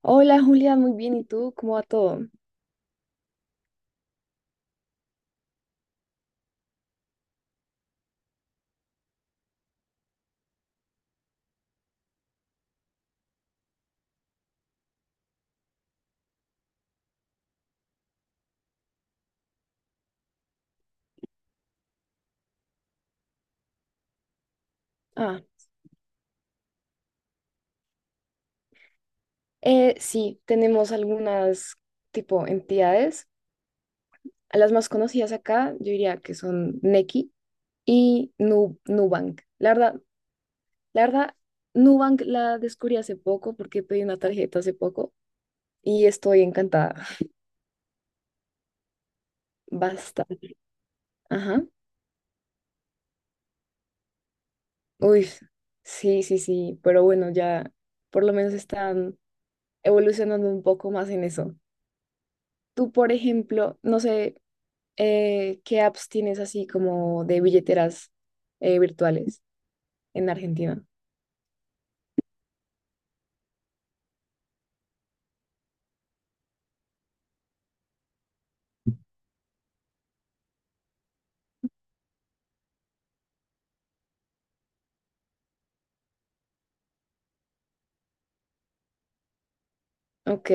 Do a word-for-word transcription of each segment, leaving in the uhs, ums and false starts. Hola Julia, muy bien. ¿Y tú? ¿Cómo va todo? Ah, eh, sí, tenemos algunas tipo entidades. A Las más conocidas acá, yo diría que son Nequi y Nu- Nubank. La verdad, la verdad, Nubank la descubrí hace poco porque pedí una tarjeta hace poco y estoy encantada. Basta. Ajá. Uy, sí, sí, sí. Pero bueno, ya por lo menos están evolucionando un poco más en eso. Tú, por ejemplo, no sé. Eh, ¿qué apps tienes así como de billeteras eh, virtuales en Argentina? Ok.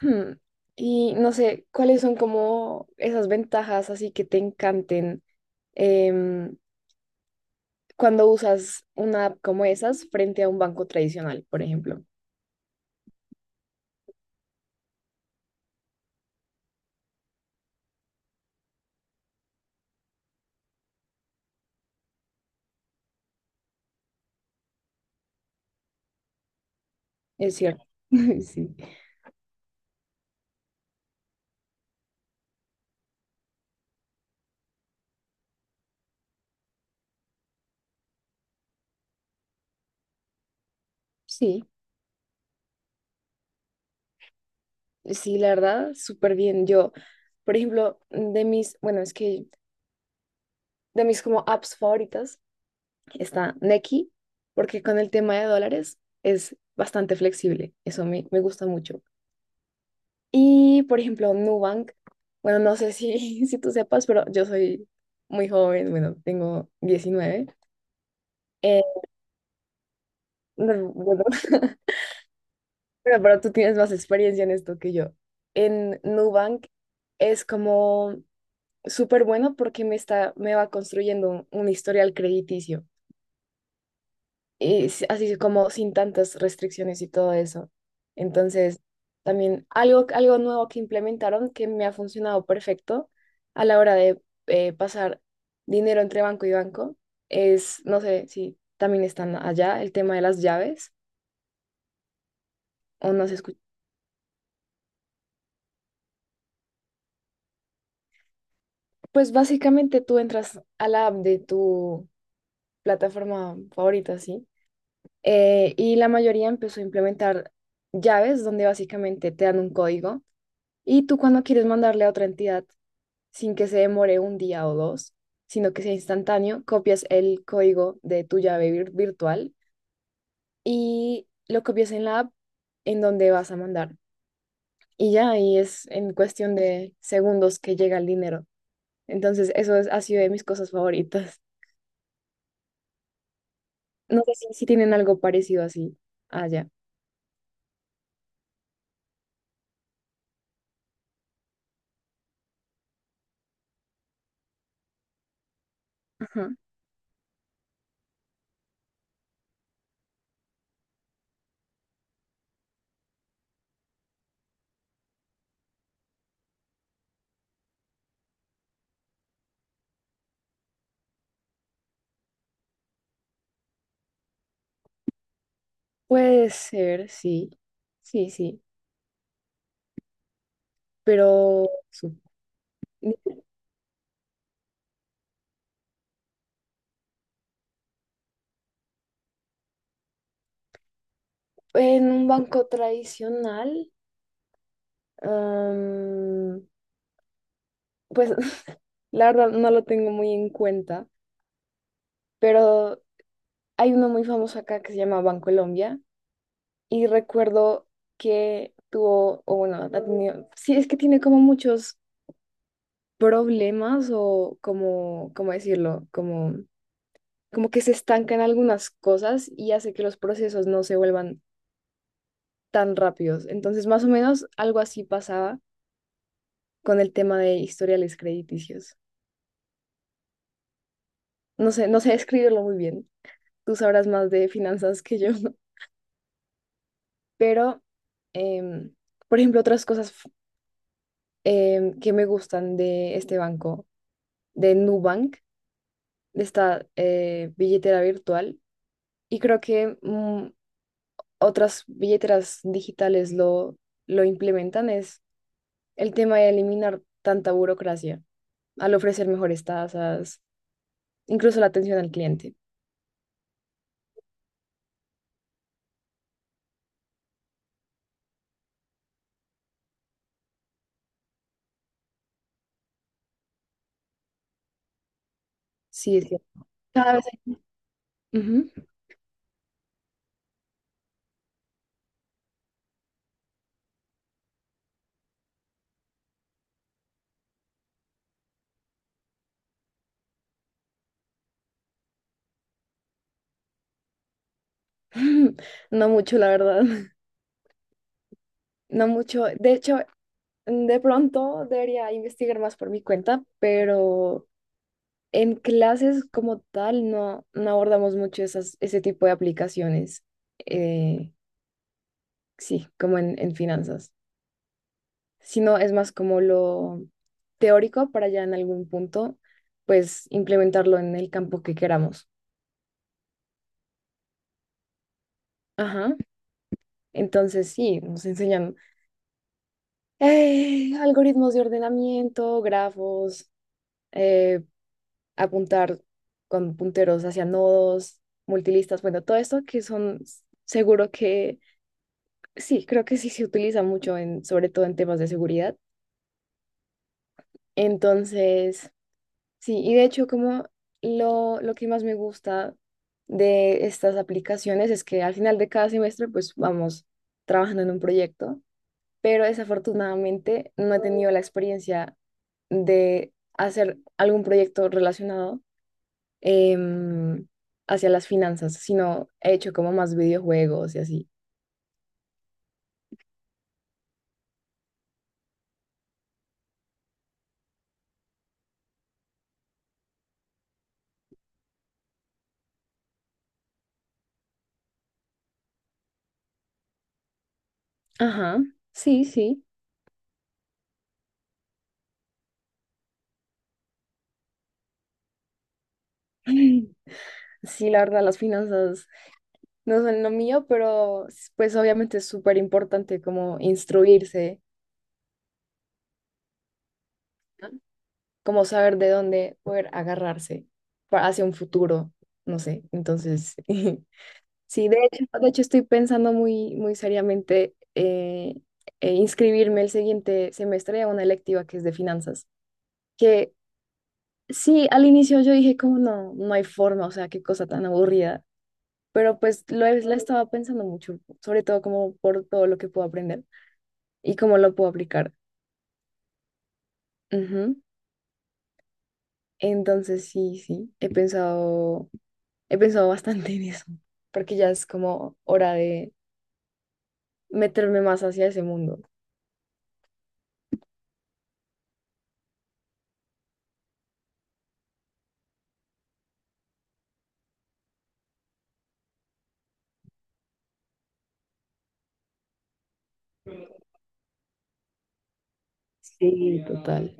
Hmm. Y no sé, ¿cuáles son como esas ventajas así que te encanten em, cuando usas una app como esas frente a un banco tradicional, por ejemplo? Es cierto. Sí. Sí, sí, la verdad, súper bien. Yo, por ejemplo, de mis, bueno, es que de mis como apps favoritas está Nequi, porque con el tema de dólares es bastante flexible. Eso me, me gusta mucho. Y, por ejemplo, Nubank, bueno, no sé si, si tú sepas, pero yo soy muy joven, bueno, tengo diecinueve. Eh, no, bueno, pero pero tú tienes más experiencia en esto que yo. En Nubank es como súper bueno porque me está, me va construyendo un, un historial crediticio, y s- así como sin tantas restricciones y todo eso. Entonces, también algo, algo nuevo que implementaron que me ha funcionado perfecto a la hora de eh, pasar dinero entre banco y banco es, no sé si también están allá, el tema de las llaves o no se escucha. Pues básicamente tú entras a la app de tu plataforma favorita, ¿sí? Eh, y la mayoría empezó a implementar llaves donde básicamente te dan un código y tú cuando quieres mandarle a otra entidad sin que se demore un día o dos, sino que sea instantáneo, copias el código de tu llave vir- virtual y lo copias en la app en donde vas a mandar. Y ya ahí es en cuestión de segundos que llega el dinero. Entonces, eso es- ha sido de mis cosas favoritas. No sé si, si tienen algo parecido así allá. Ajá. Puede ser, sí. Sí, sí. pero Sí. En un banco tradicional, am, pues la verdad no lo tengo muy en cuenta, pero hay uno muy famoso acá que se llama Bancolombia y recuerdo que tuvo, o bueno, ha tenido, sí, es que tiene como muchos problemas o como, ¿cómo decirlo? Como, como que se estancan algunas cosas y hace que los procesos no se vuelvan tan rápidos. Entonces, más o menos algo así pasaba con el tema de historiales crediticios. No sé, no sé escribirlo muy bien. Tú sabrás más de finanzas que yo, pero, em, por ejemplo, otras cosas em, que me gustan de este banco, de Nubank, de esta eh, billetera virtual, y creo que mm, otras billeteras digitales lo, lo implementan, es el tema de eliminar tanta burocracia al ofrecer mejores tasas incluso la atención al cliente. Sí, es cierto. Cada vez hay- Ujú. No mucho, la verdad. No mucho. De hecho, de pronto debería investigar más por mi cuenta, pero en clases como tal no, no abordamos mucho esas, ese tipo de aplicaciones. Eh, sí, como en, en finanzas, sino es más como lo teórico para ya en algún punto, pues implementarlo en el campo que queramos. Ajá. Entonces sí, nos enseñan eh, algoritmos de ordenamiento, grafos, eh, apuntar con punteros hacia nodos, multilistas, bueno, todo esto que son seguro que sí, creo que sí se utiliza mucho en, sobre todo en temas de seguridad. Entonces, sí, y de hecho como lo, lo que más me gusta de estas aplicaciones es que al final de cada semestre pues vamos trabajando en un proyecto, pero desafortunadamente no he tenido la experiencia de hacer algún proyecto relacionado em, hacia las finanzas, sino he hecho como más videojuegos y así. Ajá, sí, sí. Sí, la verdad, las finanzas no son lo mío, pero s- pues obviamente es súper importante como instruirse como saber de dónde poder agarrarse pa- hacia un futuro, no sé. Entonces, sí, de hecho, de hecho estoy pensando muy, muy seriamente eh, eh, inscribirme el siguiente semestre a una electiva que es de finanzas, que sí, al inicio yo dije como no, no hay forma, o sea, qué cosa tan aburrida. Pero pues lo he- la estaba pensando mucho, sobre todo como por todo lo que puedo aprender y cómo lo puedo aplicar. Ujú. Entonces sí, sí, he pensado He pensado bastante en eso, porque ya es como hora de meterme más hacia ese mundo. Sí, total.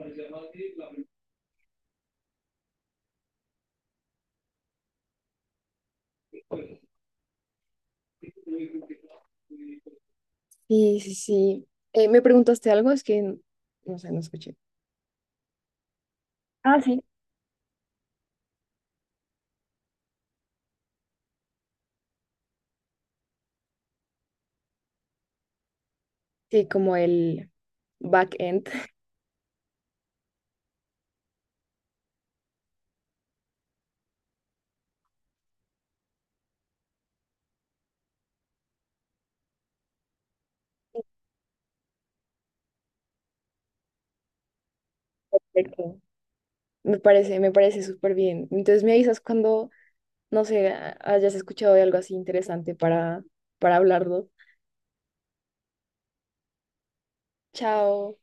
Sí, sí, sí. Eh, ¿me preguntaste algo? Es que, no sé, no escuché. Ah, sí. Sí, como el back-end. Perfecto. Me parece, me parece súper bien. Entonces me avisas cuando, no sé, hayas escuchado de algo así interesante para, para hablarlo. Chao.